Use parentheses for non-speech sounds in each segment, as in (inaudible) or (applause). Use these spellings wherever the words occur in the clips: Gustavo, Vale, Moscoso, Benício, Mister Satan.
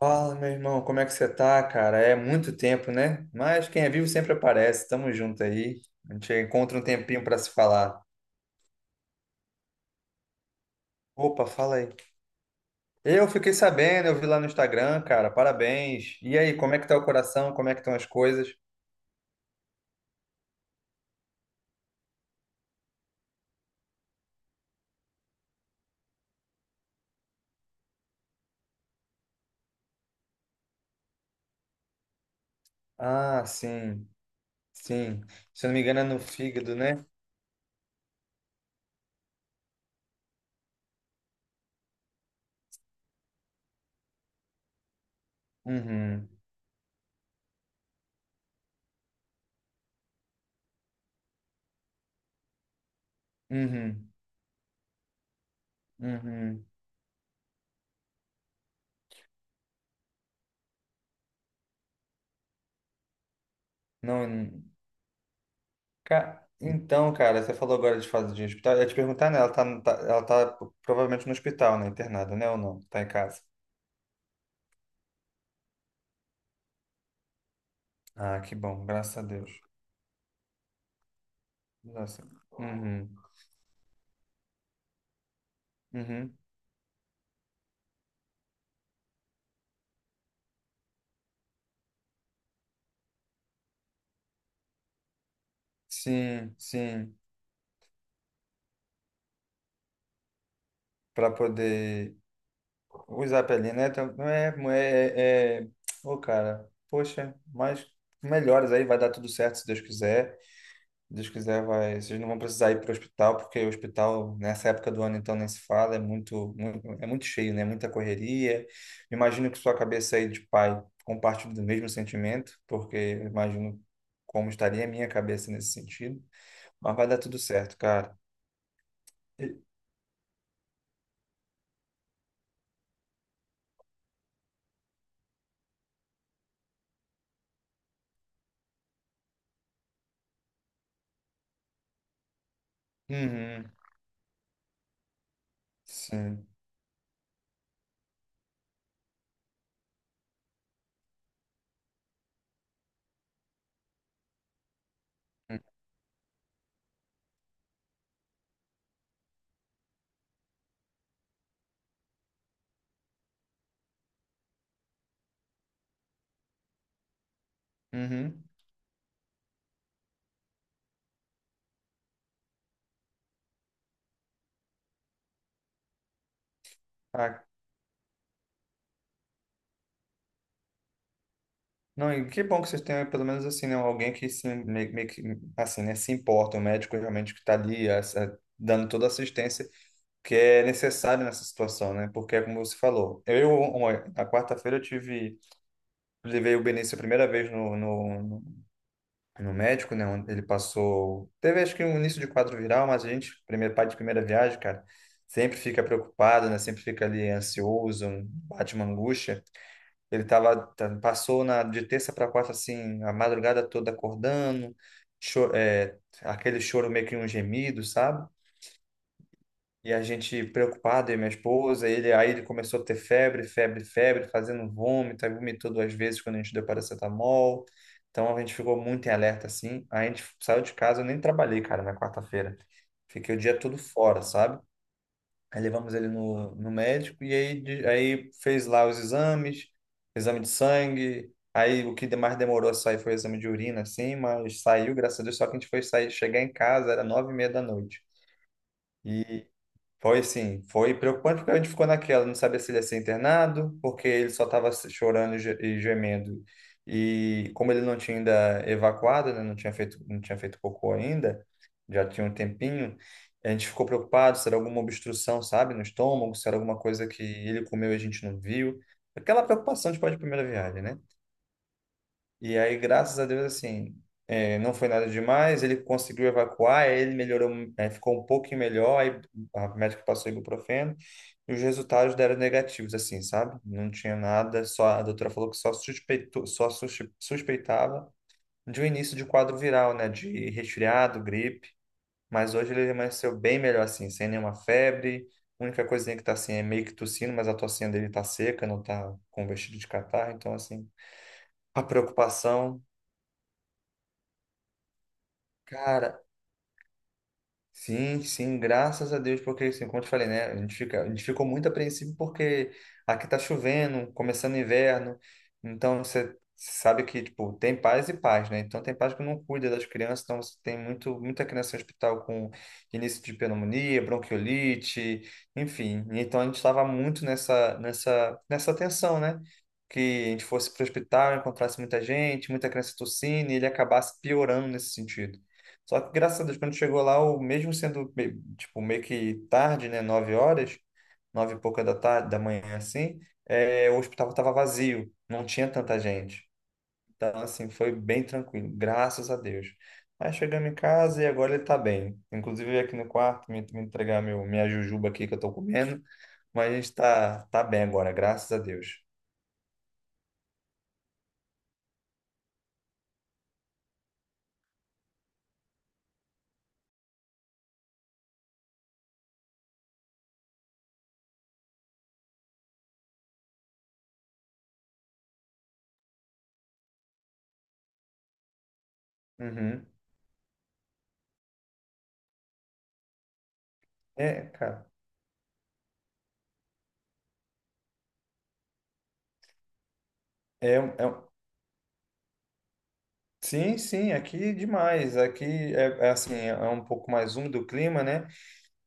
Fala, meu irmão, como é que você tá, cara? É muito tempo, né? Mas quem é vivo sempre aparece. Tamo junto aí. A gente encontra um tempinho pra se falar. Opa, fala aí. Eu fiquei sabendo, eu vi lá no Instagram, cara. Parabéns. E aí, como é que tá o coração? Como é que estão as coisas? Ah, sim. Sim. Se eu não me engano, é no fígado, né? Uhum. Uhum. Uhum. Não. Então, cara, você falou agora de fase de hospital. Eu ia te perguntar, né? Ela tá provavelmente no hospital, né? Internada, né? Ou não? Tá em casa. Ah, que bom, graças a Deus. Nossa. Uhum, uhum. Sim, sim. Para poder usar a pele, né? Então, não é, não é. Ô, cara, poxa, mas melhores aí, vai dar tudo certo se Deus quiser. Se Deus quiser, vai. Vocês não vão precisar ir para o hospital, porque o hospital, nessa época do ano, então, nem se fala, é muito cheio, né? Muita correria. Imagino que sua cabeça aí de pai compartilhe do mesmo sentimento, porque eu imagino como estaria a minha cabeça nesse sentido. Mas vai dar tudo certo, cara. E- Uhum, sim. Uhum. Ah, não, e que bom que vocês tenham pelo menos assim, né, alguém que se meio que assim, né, se importa, um médico realmente que está ali dando toda a assistência que é necessária nessa situação, né? Porque é como você falou. Na quarta-feira eu tive, levei o Benício a primeira vez no médico, né? Onde ele passou. Teve acho que um início de quadro viral, mas a gente, primeiro pai de primeira viagem, cara, sempre fica preocupado, né? Sempre fica ali ansioso, bate uma angústia. Ele tava, passou na, de terça para quarta, assim, a madrugada toda acordando, aquele choro meio que um gemido, sabe? E a gente preocupado, eu e minha esposa, ele, aí ele começou a ter febre, febre, febre, fazendo vômito, aí vomitou duas vezes quando a gente deu paracetamol. Então a gente ficou muito em alerta assim. Aí a gente saiu de casa, eu nem trabalhei, cara, na quarta-feira. Fiquei o dia todo fora, sabe? Aí levamos ele no médico e aí fez lá os exames, exame de sangue. Aí o que de- Mais demorou a sair foi o exame de urina, assim, mas saiu, graças a Deus. Só que a gente foi sair, chegar em casa, era 9h30 da noite. E foi, sim, foi preocupante porque a gente ficou naquela, não sabia se ele ia ser internado, porque ele só estava chorando e e gemendo. E como ele não tinha ainda evacuado, né, não tinha feito cocô ainda, já tinha um tempinho, a gente ficou preocupado se era alguma obstrução, sabe, no estômago, se era alguma coisa que ele comeu e a gente não viu. Aquela preocupação de pai de primeira viagem, né? E aí, graças a Deus, assim, não foi nada demais. Ele conseguiu evacuar, aí ele melhorou, ficou um pouquinho melhor. Aí a médica passou ibuprofeno e os resultados deram negativos, assim, sabe? Não tinha nada, só a doutora falou que só suspeitou, só suspe- suspeitava de um início de quadro viral, né? De resfriado, gripe. Mas hoje ele amanheceu bem melhor, assim, sem nenhuma febre. A única coisinha que tá assim é meio que tossindo, mas a tocinha dele tá seca, não tá com vestido de catarro, então, assim, a preocupação. Cara, sim, sim, graças a Deus, porque assim, como eu te falei, né? A gente ficou muito apreensivo porque aqui tá chovendo, começando o inverno, então você sabe que, tipo, tem pais e pais, né? Então tem pais que não cuida das crianças, então você tem muito, muita criança em hospital com início de pneumonia, bronquiolite, enfim. Então a gente estava muito nessa tensão, né? Que a gente fosse para o hospital, encontrasse muita gente, muita criança tossindo, e ele acabasse piorando nesse sentido. Só que, graças a Deus, quando chegou lá, o mesmo sendo, tipo, meio que tarde, né? 9 horas, nove e pouca da tarde, da manhã, assim, o hospital estava vazio, não tinha tanta gente. Então, assim, foi bem tranquilo, graças a Deus. Aí chegamos em casa e agora ele tá bem. Inclusive, veio aqui no quarto me entregar meu, minha jujuba aqui que eu tô comendo, mas a gente tá bem agora, graças a Deus. Uhum. É, cara, é, um, é, um, sim, sim, aqui demais. Aqui é assim, é um pouco mais úmido o clima, né?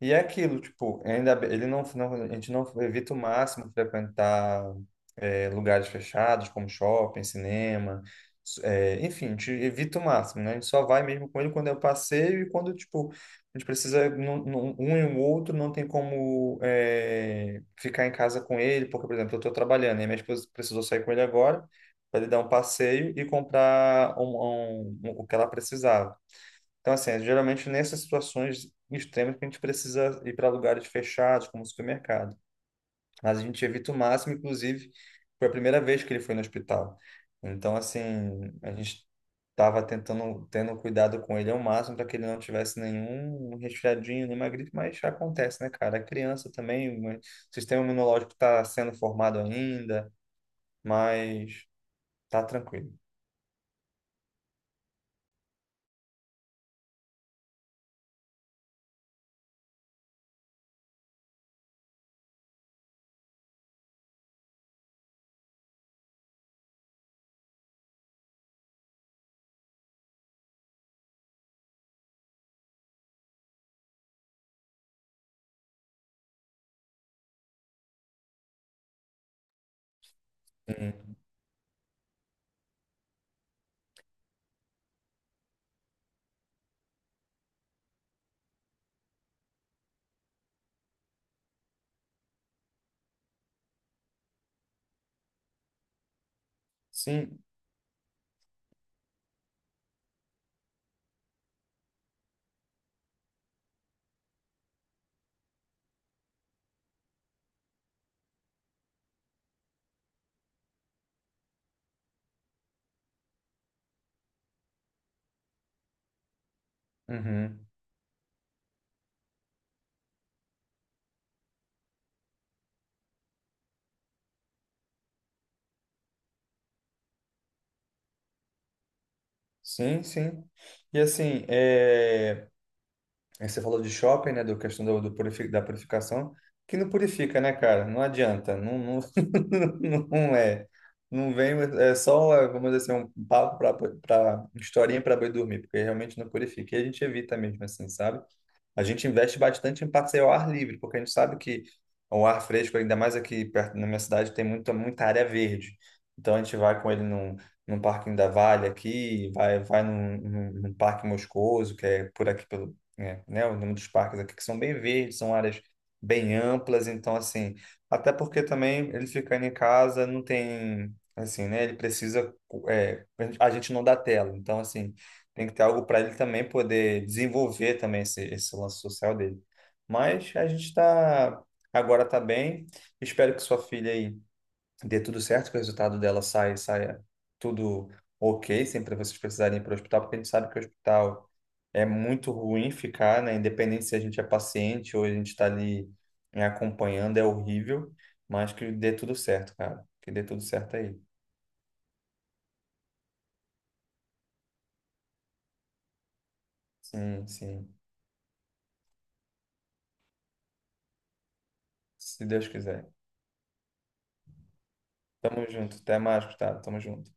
E é aquilo, tipo, ele não, não- a gente não evita o máximo frequentar lugares fechados, como shopping, cinema, enfim, a gente evita o máximo, né? A gente só vai mesmo com ele quando é o passeio e quando, tipo, a gente precisa, um e o outro não tem como ficar em casa com ele, porque, por exemplo, eu estou trabalhando e minha esposa precisou sair com ele agora para ele dar um passeio e comprar o que ela precisava. Então, assim, é geralmente nessas situações extremas que a gente precisa ir para lugares fechados, como o supermercado. Mas a gente evita o máximo, inclusive, foi a primeira vez que ele foi no hospital. Então, assim, a gente estava tendo cuidado com ele ao máximo para que ele não tivesse nenhum resfriadinho, nenhuma gripe, mas já acontece, né, cara? A criança também, o sistema imunológico está sendo formado ainda, mas tá tranquilo. Uhum. Sim, uhum. Sim, sim. E assim. Aí você falou de shopping, né? Da questão da purificação, que não purifica, né, cara? Não adianta, não, não, (laughs) não é. Não vem, é só, vamos dizer assim, um papo para historinha para boi dormir, porque realmente não purifica. E a gente evita mesmo, assim, sabe? A gente investe bastante em passeio ao ar livre, porque a gente sabe que o ar fresco, ainda mais aqui perto na minha cidade, tem muita, muita área verde. Então a gente vai com ele num parquinho da Vale aqui, vai num parque Moscoso, que é por aqui, pelo, né, o nome dos parques aqui, que são bem verdes, são áreas bem amplas. Então, assim, até porque também ele ficando em casa não tem, assim, né, ele precisa, é, a gente não dá tela. Então, assim, tem que ter algo para ele também poder desenvolver também esse lance social dele. Mas a gente está agora, está bem. Espero que sua filha aí dê tudo certo, que o resultado dela saia tudo ok, sempre vocês precisarem ir para o hospital, porque a gente sabe que o hospital é muito ruim ficar, né? Independente se a gente é paciente ou a gente está ali, né, acompanhando, é horrível, mas que dê tudo certo, cara. Que dê tudo certo aí. Sim, sim. Se Deus quiser. Tamo junto. Até mais, Gustavo. Tamo junto.